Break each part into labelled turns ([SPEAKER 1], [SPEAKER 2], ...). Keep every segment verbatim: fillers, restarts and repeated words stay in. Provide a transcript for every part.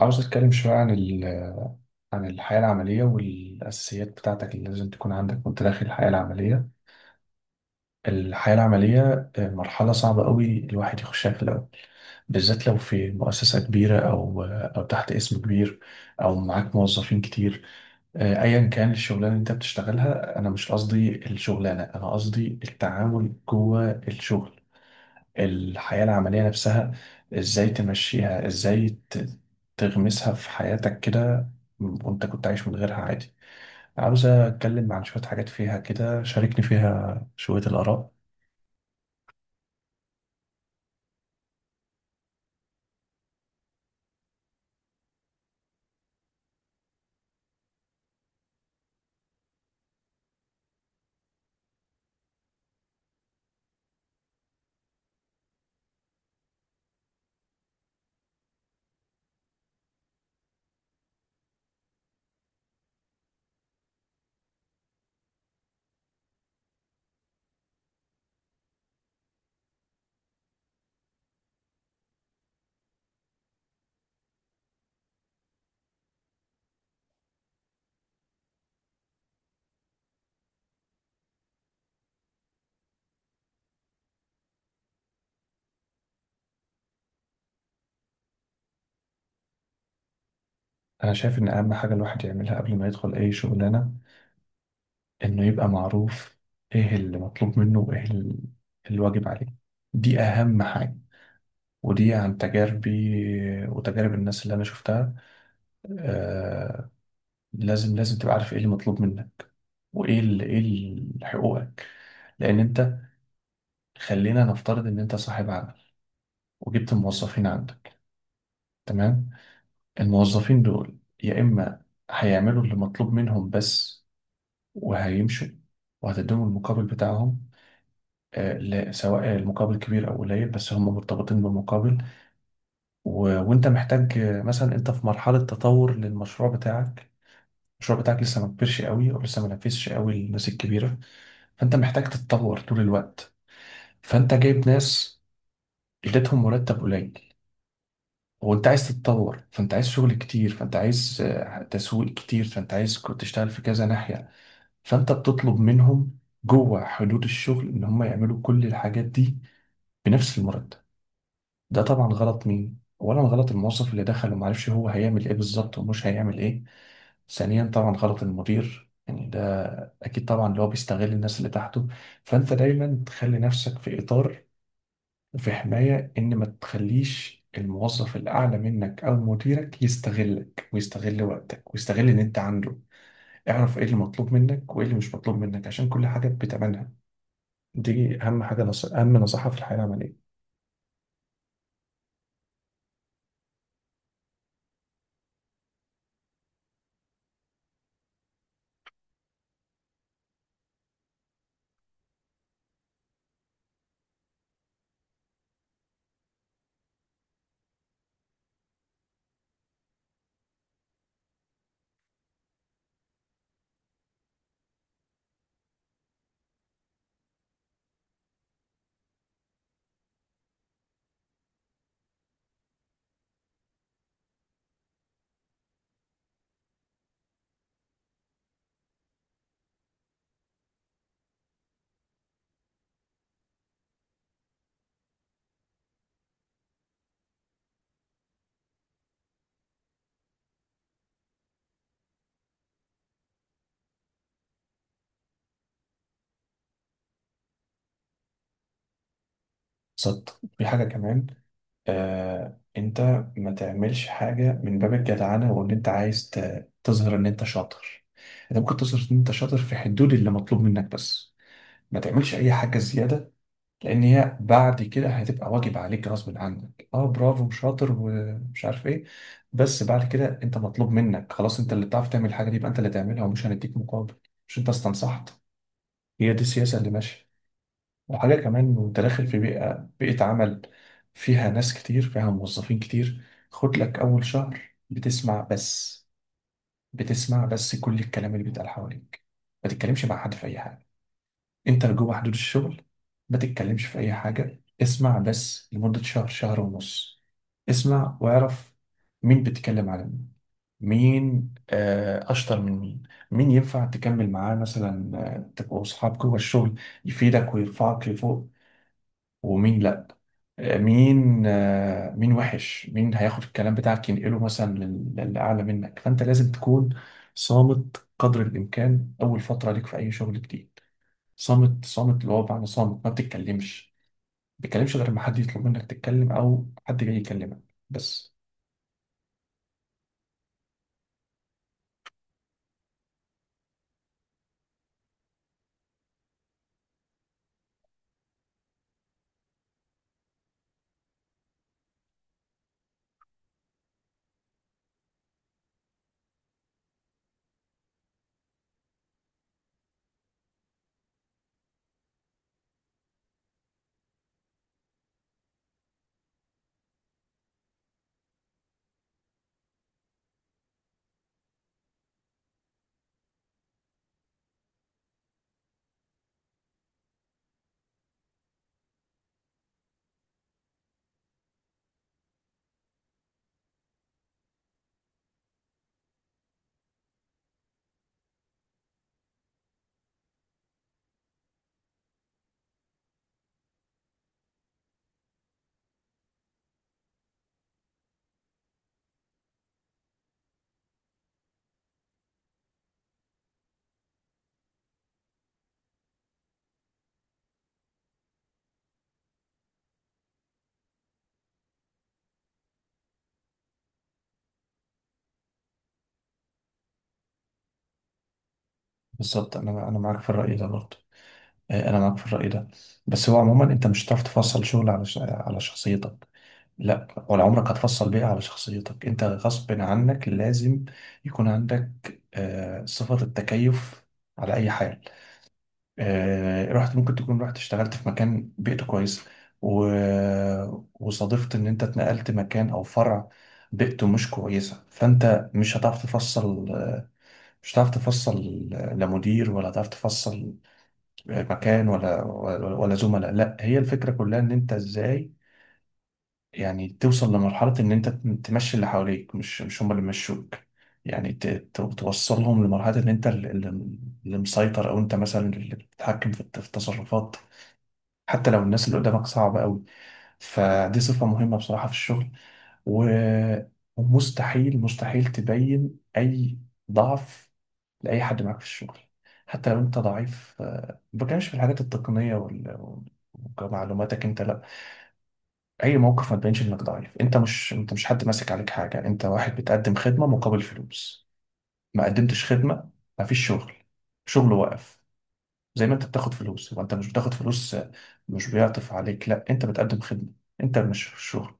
[SPEAKER 1] عاوز أتكلم شوية عن ال عن الحياة العملية والأساسيات بتاعتك اللي لازم تكون عندك وأنت داخل الحياة العملية. الحياة العملية آه، مرحلة صعبة قوي الواحد يخشها في الأول، بالذات لو في مؤسسة كبيرة أو أو تحت اسم كبير أو معاك موظفين كتير. آه، أيا كان الشغلانة اللي أنت بتشتغلها، أنا مش قصدي الشغلانة، أنا قصدي التعامل جوه الشغل، الحياة العملية نفسها. ازاي تمشيها، ازاي ت- تغمسها في حياتك كده وانت كنت عايش من غيرها عادي. عاوز اتكلم عن شوية حاجات فيها كده، شاركني فيها شوية الآراء. انا شايف ان اهم حاجة الواحد يعملها قبل ما يدخل اي شغلانة انه يبقى معروف ايه اللي مطلوب منه وايه ال- الواجب عليه. دي اهم حاجة، ودي عن تجاربي وتجارب الناس اللي انا شفتها. آه لازم لازم تبقى عارف ايه اللي مطلوب منك وايه ال... ايه ال- حقوقك. لان انت، خلينا نفترض ان انت صاحب عمل وجبت موظفين عندك، تمام؟ الموظفين دول يا اما هيعملوا اللي مطلوب منهم بس وهيمشوا وهتديهم المقابل بتاعهم. آه، لا، سواء المقابل كبير او قليل، بس هم مرتبطين بمقابل. و... وانت محتاج، آه، مثلا انت في مرحلة تطور للمشروع بتاعك، المشروع بتاعك لسه ما كبرش قوي او لسه ما نفذش قوي للناس الكبيرة، فانت محتاج تتطور طول الوقت. فانت جايب ناس، اديتهم مرتب قليل وانت عايز تتطور، فانت عايز شغل كتير، فانت عايز آه، تسويق كتير، فانت عايز كنت تشتغل في كذا ناحية، فانت بتطلب منهم جوه حدود الشغل ان هم يعملوا كل الحاجات دي بنفس المرتب. ده طبعا غلط. مين اولا؟ غلط الموظف اللي دخل وما عرفش هو هيعمل ايه بالظبط ومش هيعمل ايه. ثانيا طبعا غلط المدير، يعني ده اكيد طبعا اللي هو بيستغل الناس اللي تحته. فانت دايما تخلي نفسك في اطار وفي حماية، إن ما تخليش الموظف الأعلى منك أو مديرك يستغلك ويستغل وقتك ويستغل إن أنت عنده. اعرف إيه اللي مطلوب منك وإيه اللي مش مطلوب منك، عشان كل حاجة بتمنها. دي أهم حاجة نص... أهم نصيحة في الحياة العملية. صدق، في حاجة كمان. آه... أنت ما تعملش حاجة من باب الجدعنة وإن أنت عايز ت... تظهر إن أنت شاطر. أنت ممكن تظهر إن أنت شاطر في حدود اللي مطلوب منك بس، ما تعملش أي حاجة زيادة، لان هي بعد كده هتبقى واجب عليك غصب عنك. اه، برافو شاطر ومش عارف ايه، بس بعد كده انت مطلوب منك، خلاص انت اللي بتعرف تعمل الحاجه دي يبقى انت اللي تعملها، ومش هنديك مقابل. مش انت استنصحت؟ هي دي السياسه اللي ماشيه. وحاجه كمان، وانت داخل في بيئه بيئه عمل فيها ناس كتير فيها موظفين كتير، خد لك اول شهر بتسمع بس. بتسمع بس كل الكلام اللي بيتقال حواليك، ما تتكلمش مع حد في اي حاجه. انت لو جوه حدود الشغل ما تتكلمش في اي حاجه، اسمع بس لمده شهر شهر ونص. اسمع واعرف مين بتتكلم على مين، مين آه، اشطر من مين، مين ينفع تكمل معاه مثلا آه، تبقوا اصحاب جوه الشغل يفيدك ويرفعك لفوق، ومين لا. آه، مين آه، مين وحش، مين هياخد الكلام بتاعك ينقله مثلا لل- للاعلى منك. فانت لازم تكون صامت قدر الامكان اول فتره ليك في اي شغل جديد. صامت صامت اللي هو بمعنى صامت ما بتتكلمش، ما بتتكلمش غير ما حد يطلب منك تتكلم او حد جاي يكلمك بس. بالظبط، انا انا معاك في الرأي ده برضه. آه، انا معاك في الرأي ده، بس هو عموما انت مش هتعرف تفصل شغل على ش... على شخصيتك، لا ولا عمرك هتفصل بيئة على شخصيتك. انت غصب عنك لازم يكون عندك آه، صفة التكيف على اي حاجة. آه، رحت، ممكن تكون رحت اشتغلت في مكان بيئته كويس، و... وصادفت ان انت اتنقلت مكان او فرع بيئته مش كويسة، فانت مش هتعرف تفصل، آه، مش هتعرف تفصل لا مدير، ولا هتعرف تفصل آه، مكان، ولا ولا ولا زملاء. لا، هي الفكرة كلها ان انت ازاي يعني توصل لمرحلة ان انت تمشي اللي حواليك، مش مش هم اللي مشوك. يعني ت- ت- توصلهم لمرحلة ان انت اللي اللي- اللي مسيطر، او انت مثلا اللي بتتحكم في الت- في التصرفات، حتى لو الناس اللي قدامك صعبة قوي. فدي صفة مهمة بصراحة في الشغل. و- ومستحيل مستحيل تبين أي ضعف لأي حد معاك في الشغل. حتى لو أنت ضعيف، آه، ما بتكلمش في الحاجات التقنية وال... ومعلوماتك أنت، لا، أي موقف ما تبينش إنك ضعيف. أنت مش، أنت مش حد ماسك عليك حاجة، أنت واحد بتقدم خدمة مقابل فلوس. ما قدمتش خدمة ما فيش شغل، شغل واقف. زي ما انت بتاخد فلوس، وانت مش بتاخد فلوس آه، مش بيعطف عليك، لا، انت بتقدم خدمة، انت مش في الشغل.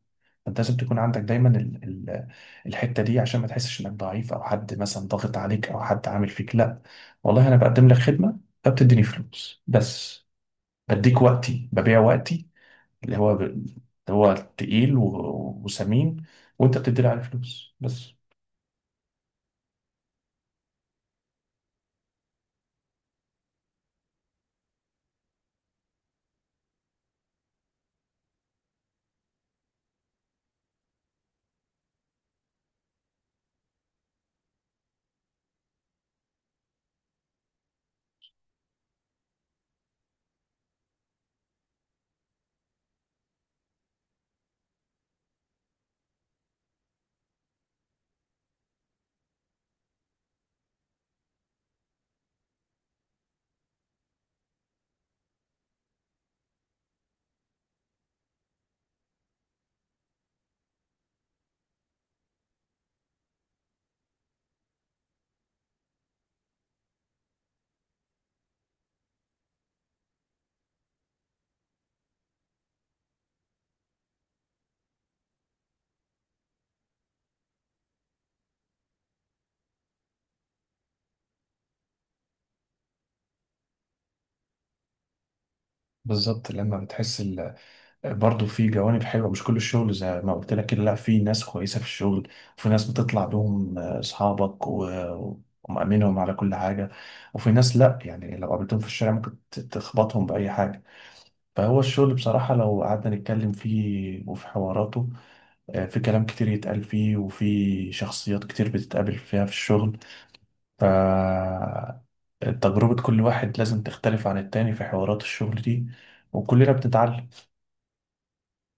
[SPEAKER 1] انت لازم تكون عندك دايما ال ال الحتة دي عشان ما تحسش انك ضعيف او حد مثلا ضاغط عليك او حد عامل فيك. لا، والله انا بقدم لك خدمة فبتديني فلوس بس، بديك وقتي، ببيع وقتي اللي هو ب- اللي هو تقيل و- وسمين، وانت بتدي لي عليه فلوس بس. بالظبط، لما بتحس ال، برضه في جوانب حلوه، مش كل الشغل زي ما قلت لك كده، لا، في ناس كويسه في الشغل وفي ناس بتطلع بهم آه، اصحابك و- ومأمنهم على كل حاجه، وفي ناس لا، يعني لو قابلتهم في الشارع ممكن ت- تخبطهم باي حاجه. فهو الشغل بصراحه لو قعدنا نتكلم فيه وفي حواراته، آه، في كلام كتير يتقال فيه وفي شخصيات كتير بتتقابل فيها في الشغل. ف تجربة كل واحد لازم تختلف عن التاني في حوارات الشغل دي، وكلنا بنتعلم.